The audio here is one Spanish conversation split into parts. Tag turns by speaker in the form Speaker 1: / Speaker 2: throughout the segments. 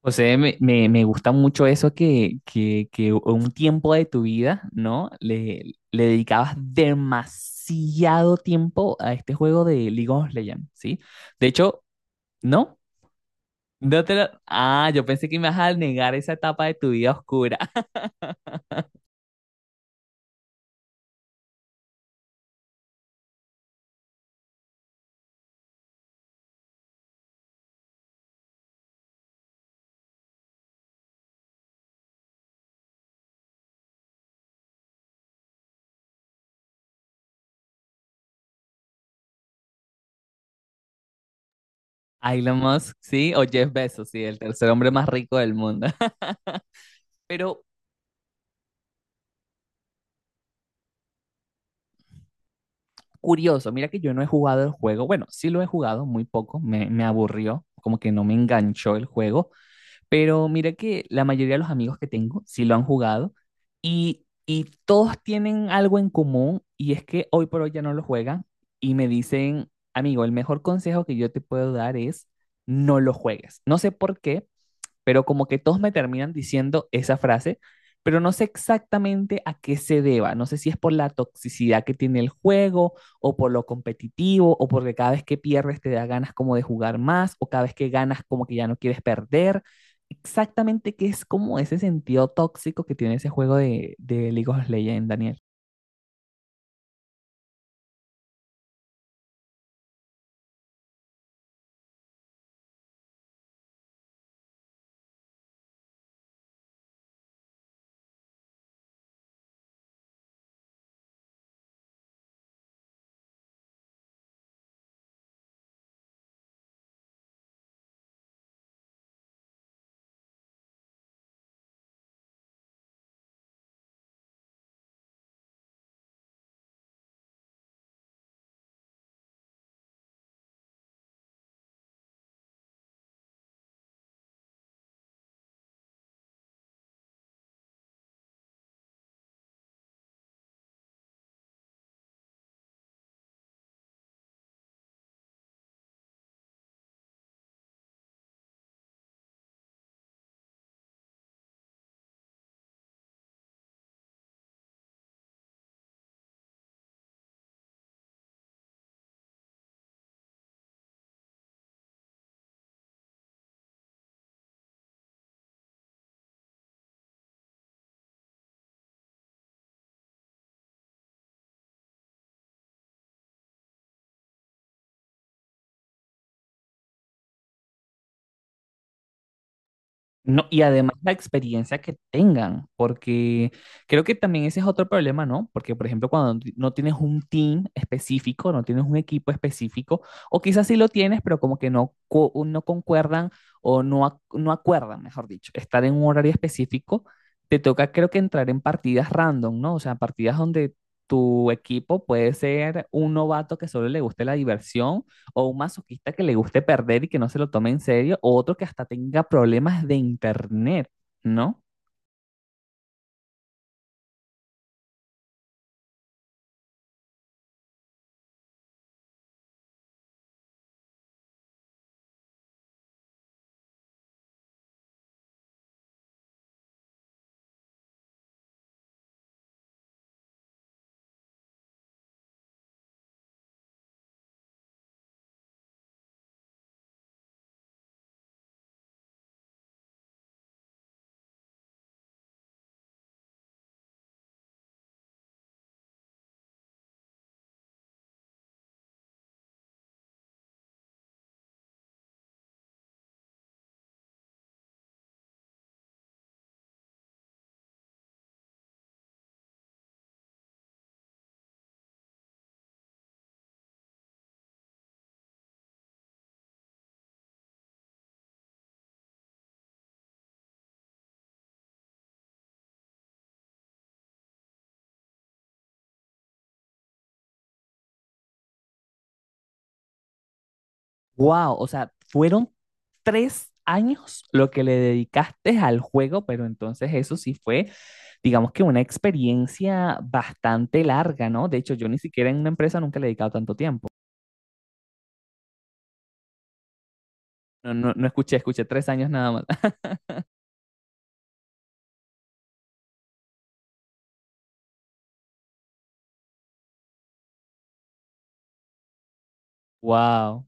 Speaker 1: José, me gusta mucho eso que un tiempo de tu vida, ¿no? Le dedicabas demasiado tiempo a este juego de League of Legends, ¿sí? De hecho, ¿no? Ah, yo pensé que me ibas a negar esa etapa de tu vida oscura. Elon Musk, ¿sí? O Jeff Bezos, sí, el tercer hombre más rico del mundo. Pero curioso, mira que yo no he jugado el juego. Bueno, sí lo he jugado muy poco, me aburrió, como que no me enganchó el juego. Pero mira que la mayoría de los amigos que tengo sí lo han jugado y todos tienen algo en común y es que hoy por hoy ya no lo juegan y me dicen, amigo, el mejor consejo que yo te puedo dar es no lo juegues. No sé por qué, pero como que todos me terminan diciendo esa frase, pero no sé exactamente a qué se deba. No sé si es por la toxicidad que tiene el juego o por lo competitivo o porque cada vez que pierdes te da ganas como de jugar más o cada vez que ganas como que ya no quieres perder. Exactamente qué es como ese sentido tóxico que tiene ese juego de League of Legends, Daniel. No, y además la experiencia que tengan, porque creo que también ese es otro problema, ¿no? Porque, por ejemplo, no tienes un team específico, no tienes un equipo específico, o quizás sí lo tienes, pero como que no, no concuerdan o no, no acuerdan, mejor dicho, estar en un horario específico, te toca creo que entrar en partidas random, ¿no? O sea, partidas donde tu equipo puede ser un novato que solo le guste la diversión o un masoquista que le guste perder y que no se lo tome en serio, o otro que hasta tenga problemas de internet, ¿no? Wow, o sea, fueron 3 años lo que le dedicaste al juego, pero entonces eso sí fue, digamos que una experiencia bastante larga, ¿no? De hecho, yo ni siquiera en una empresa nunca le he dedicado tanto tiempo. No escuché, escuché 3 años nada más. Wow.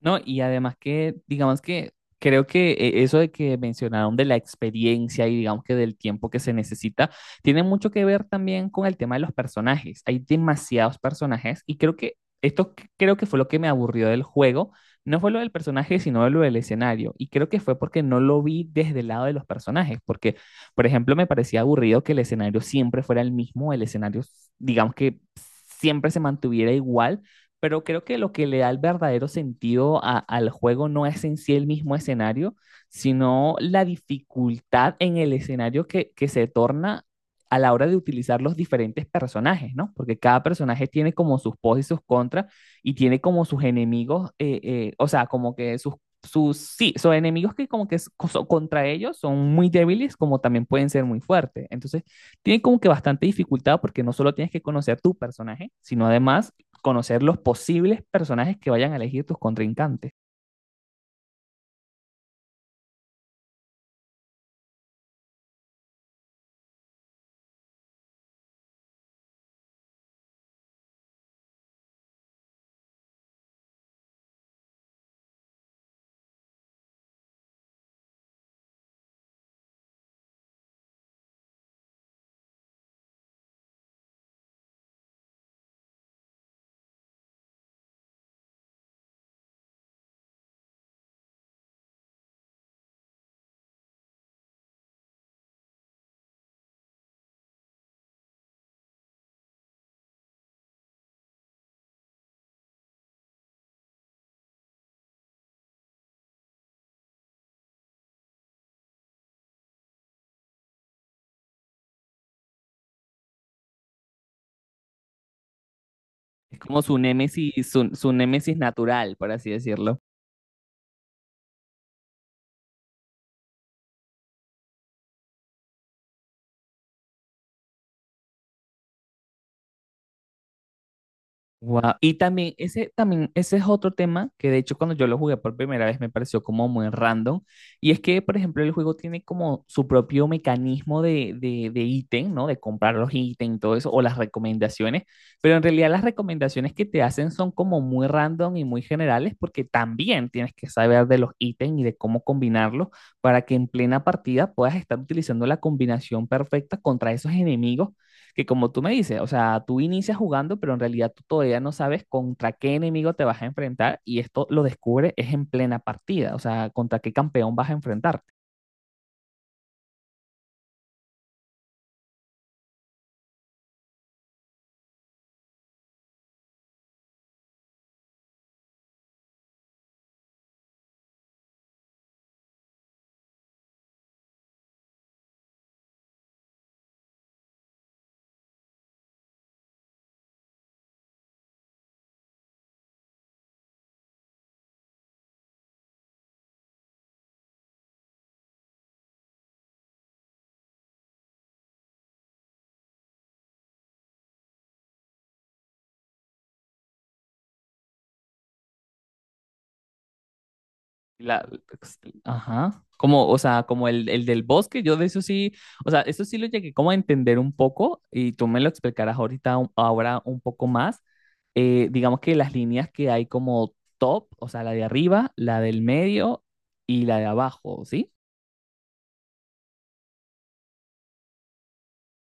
Speaker 1: No, y además que, digamos que creo que eso de que mencionaron de la experiencia y digamos que del tiempo que se necesita, tiene mucho que ver también con el tema de los personajes. Hay demasiados personajes y creo que esto creo que fue lo que me aburrió del juego. No fue lo del personaje, sino lo del escenario. Y creo que fue porque no lo vi desde el lado de los personajes. Porque, por ejemplo, me parecía aburrido que el escenario siempre fuera el mismo, el escenario, digamos que siempre se mantuviera igual, pero creo que lo que le da el verdadero sentido al juego no es en sí el mismo escenario, sino la dificultad en el escenario que se torna a la hora de utilizar los diferentes personajes, ¿no? Porque cada personaje tiene como sus pos y sus contras y tiene como sus enemigos, o sea, como que sí, son enemigos que como que contra ellos son muy débiles, como también pueden ser muy fuertes. Entonces, tiene como que bastante dificultad porque no solo tienes que conocer tu personaje, sino además conocer los posibles personajes que vayan a elegir tus contrincantes. Es como su némesis, su némesis natural, por así decirlo. Guau, y también ese es otro tema que de hecho cuando yo lo jugué por primera vez me pareció como muy random. Y es que, por ejemplo, el juego tiene como su propio mecanismo de ítem, ¿no? De comprar los ítems y todo eso, o las recomendaciones. Pero en realidad las recomendaciones que te hacen son como muy random y muy generales porque también tienes que saber de los ítems y de cómo combinarlos para que en plena partida puedas estar utilizando la combinación perfecta contra esos enemigos que como tú me dices, o sea, tú inicias jugando, pero en realidad tú todavía no sabes contra qué enemigo te vas a enfrentar y esto lo descubres es en plena partida, o sea, contra qué campeón vas a enfrentarte. La- ajá. Como, o sea, como el del bosque, yo de eso sí, o sea, eso sí lo llegué como a entender un poco y tú me lo explicarás ahorita, ahora un poco más. Digamos que las líneas que hay como top, o sea, la de arriba, la del medio y la de abajo, ¿sí?